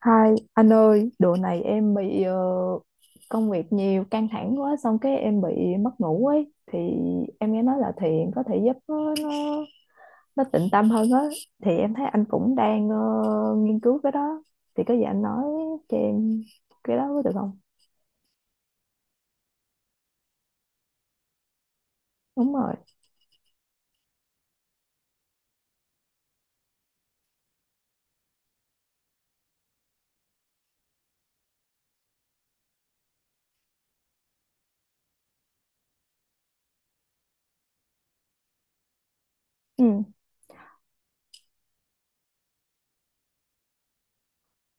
Hai anh ơi, độ này em bị công việc nhiều căng thẳng quá xong cái em bị mất ngủ ấy thì em nghe nói là thiền có thể giúp nó tịnh tâm hơn á thì em thấy anh cũng đang nghiên cứu cái đó thì có gì anh nói cho em cái đó có được không? Đúng rồi. Ừ.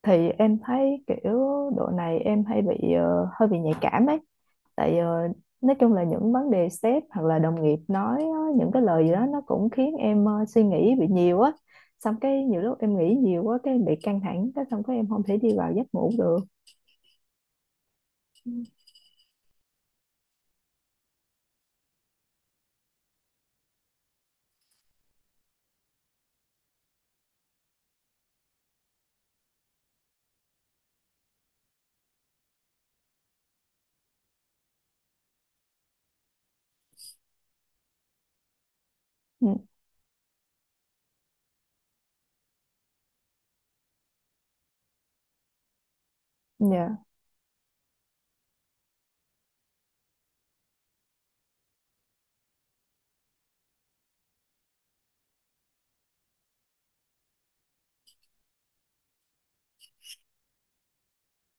Thì em thấy kiểu độ này em hay bị hơi bị nhạy cảm ấy tại nói chung là những vấn đề sếp hoặc là đồng nghiệp nói á, những cái lời gì đó nó cũng khiến em suy nghĩ bị nhiều á xong cái nhiều lúc em nghĩ nhiều quá cái em bị căng thẳng cái xong cái em không thể đi vào giấc ngủ được. Ừ, dạ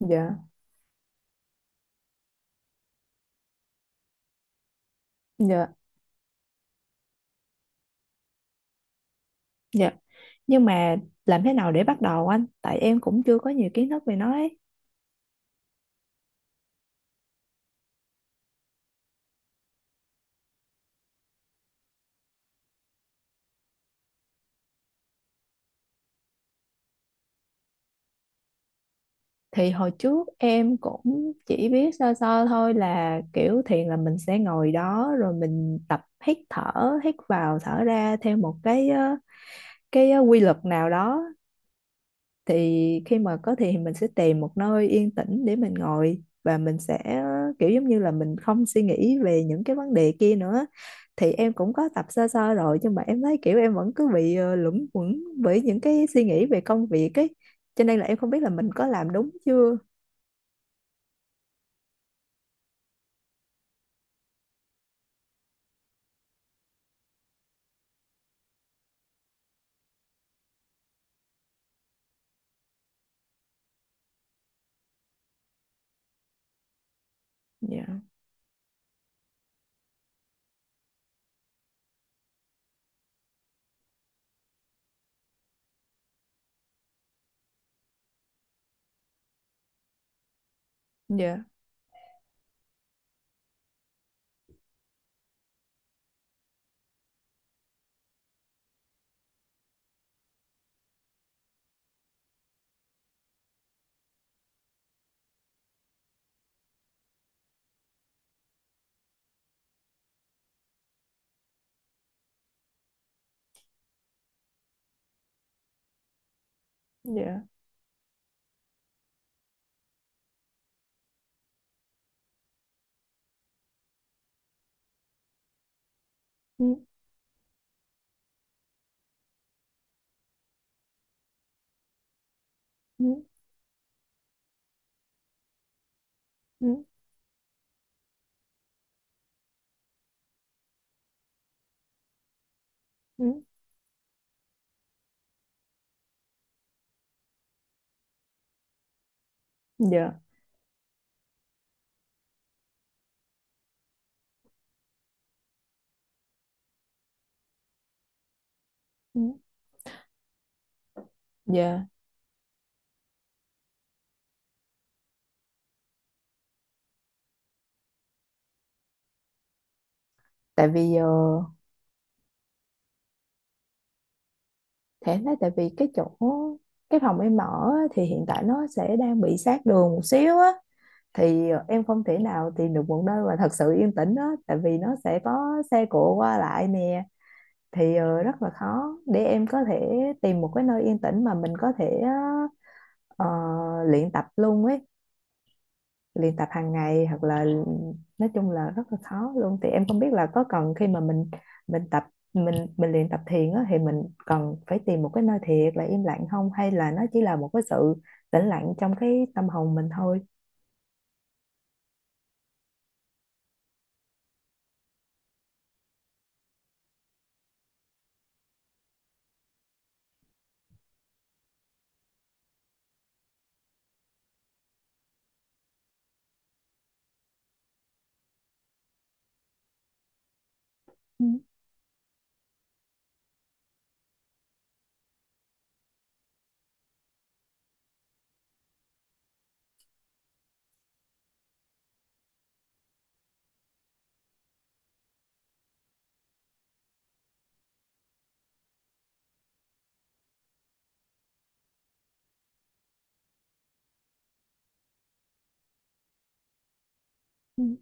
dạ dạ dạ. Nhưng mà làm thế nào để bắt đầu anh tại em cũng chưa có nhiều kiến thức về nó ấy. Thì hồi trước em cũng chỉ biết sơ sơ thôi là kiểu thiền là mình sẽ ngồi đó rồi mình tập hít thở hít vào thở ra theo một quy luật nào đó thì khi mà có thì mình sẽ tìm một nơi yên tĩnh để mình ngồi và mình sẽ kiểu giống như là mình không suy nghĩ về những cái vấn đề kia nữa thì em cũng có tập sơ sơ rồi nhưng mà em thấy kiểu em vẫn cứ bị luẩn quẩn bởi những cái suy nghĩ về công việc ấy cho nên là em không biết là mình có làm đúng chưa. Dạ dạ dạ. Ừ, ừ, ừ, ừ. Ừ. Dạ. Ừ, dạ. tại vì ờ, Thế đấy tại vì cái chỗ cái phòng em ở á, thì hiện tại nó sẽ đang bị sát đường một xíu á thì em không thể nào tìm được một nơi mà thật sự yên tĩnh á tại vì nó sẽ có xe cộ qua lại nè thì rất là khó để em có thể tìm một cái nơi yên tĩnh mà mình có thể ờ, luyện tập luôn ấy, luyện tập hàng ngày hoặc là nói chung là rất là khó luôn thì em không biết là có cần khi mà mình tập mình luyện tập thiền á, thì mình cần phải tìm một cái nơi thiệt là im lặng không hay là nó chỉ là một cái sự tĩnh lặng trong cái tâm hồn mình thôi. Ừ, ừ,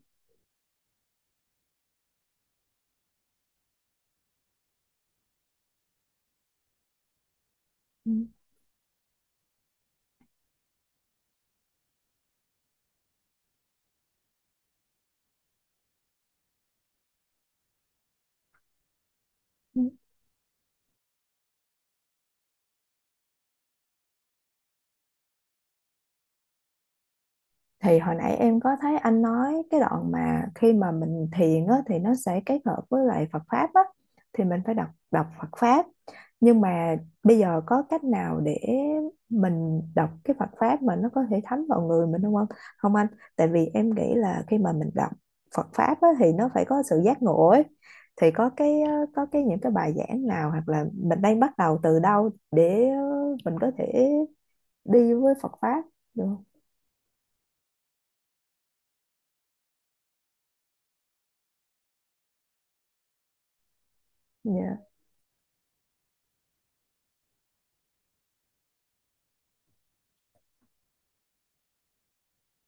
ừ, ừ. Thì hồi nãy em có thấy anh nói cái đoạn mà khi mà mình thiền á, thì nó sẽ kết hợp với lại Phật pháp á, thì mình phải đọc đọc Phật pháp, nhưng mà bây giờ có cách nào để mình đọc cái Phật pháp mà nó có thể thấm vào người mình không không không anh, tại vì em nghĩ là khi mà mình đọc Phật pháp á, thì nó phải có sự giác ngộ ấy, thì có có cái những cái bài giảng nào hoặc là mình đang bắt đầu từ đâu để mình có thể đi với Phật pháp được không? Dạ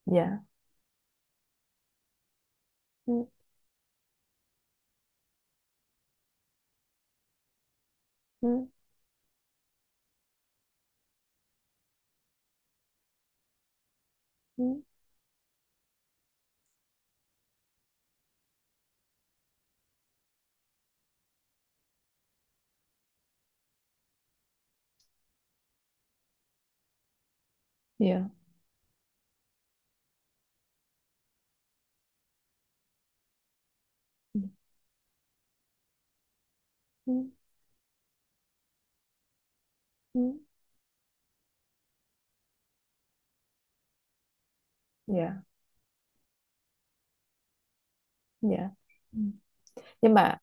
dạ. Ừ. Ừ, ừ, dạ ừ, ừ, ừ, dạ dạ. Ừ. Nhưng mà,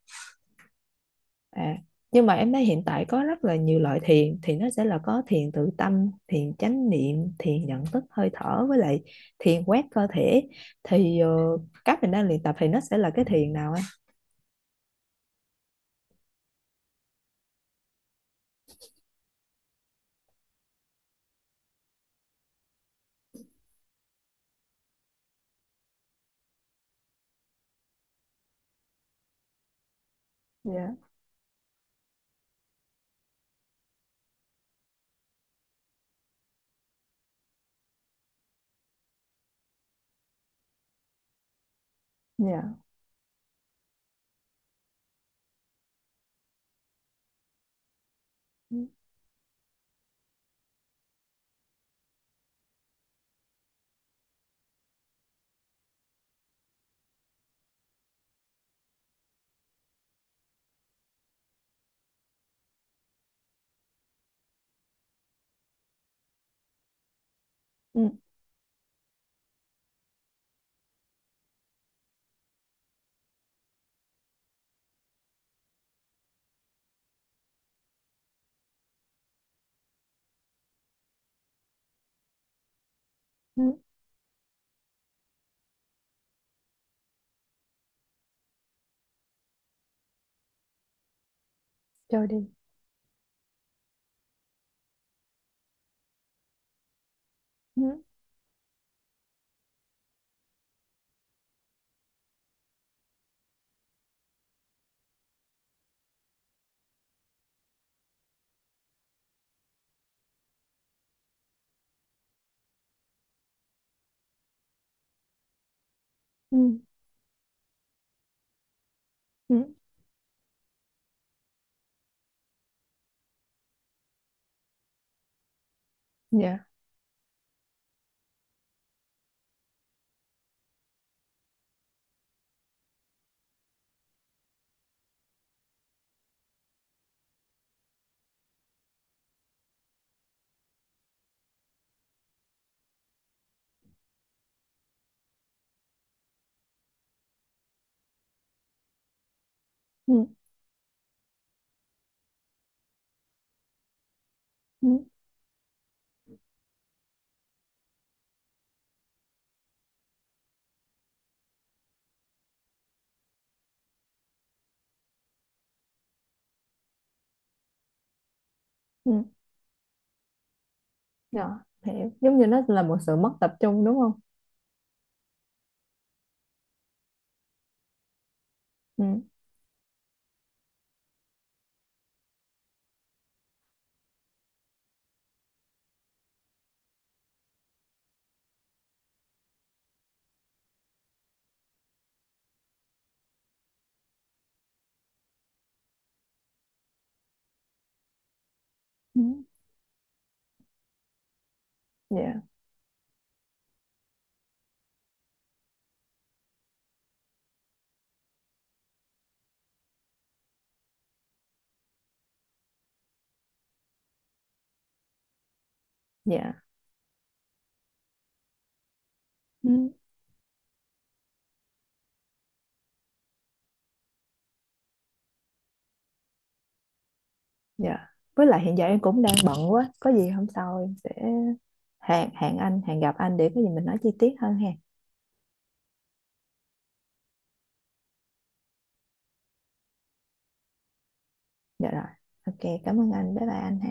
à, nhưng mà em thấy hiện tại có rất là nhiều loại thiền thì nó sẽ là có thiền tự tâm, thiền chánh niệm, thiền nhận thức hơi thở, với lại thiền quét cơ thể, thì các mình đang luyện tập thì nó sẽ là cái thiền nào anh? Dạ dạ ừ ừ ừ, cho đi ừ ừ ừ dạ ừ ừ ừ dạ. Hiểu, giống như nó là một sự mất tập trung đúng không? Ừ ừ dạ dạ. Ừ. Dạ. Với lại hiện giờ em cũng đang bận quá, có gì hôm sau em sẽ hẹn hẹn anh, hẹn gặp anh để có gì mình nói chi tiết hơn ha. Dạ rồi. Ok, cảm ơn anh. Bye bye anh ha.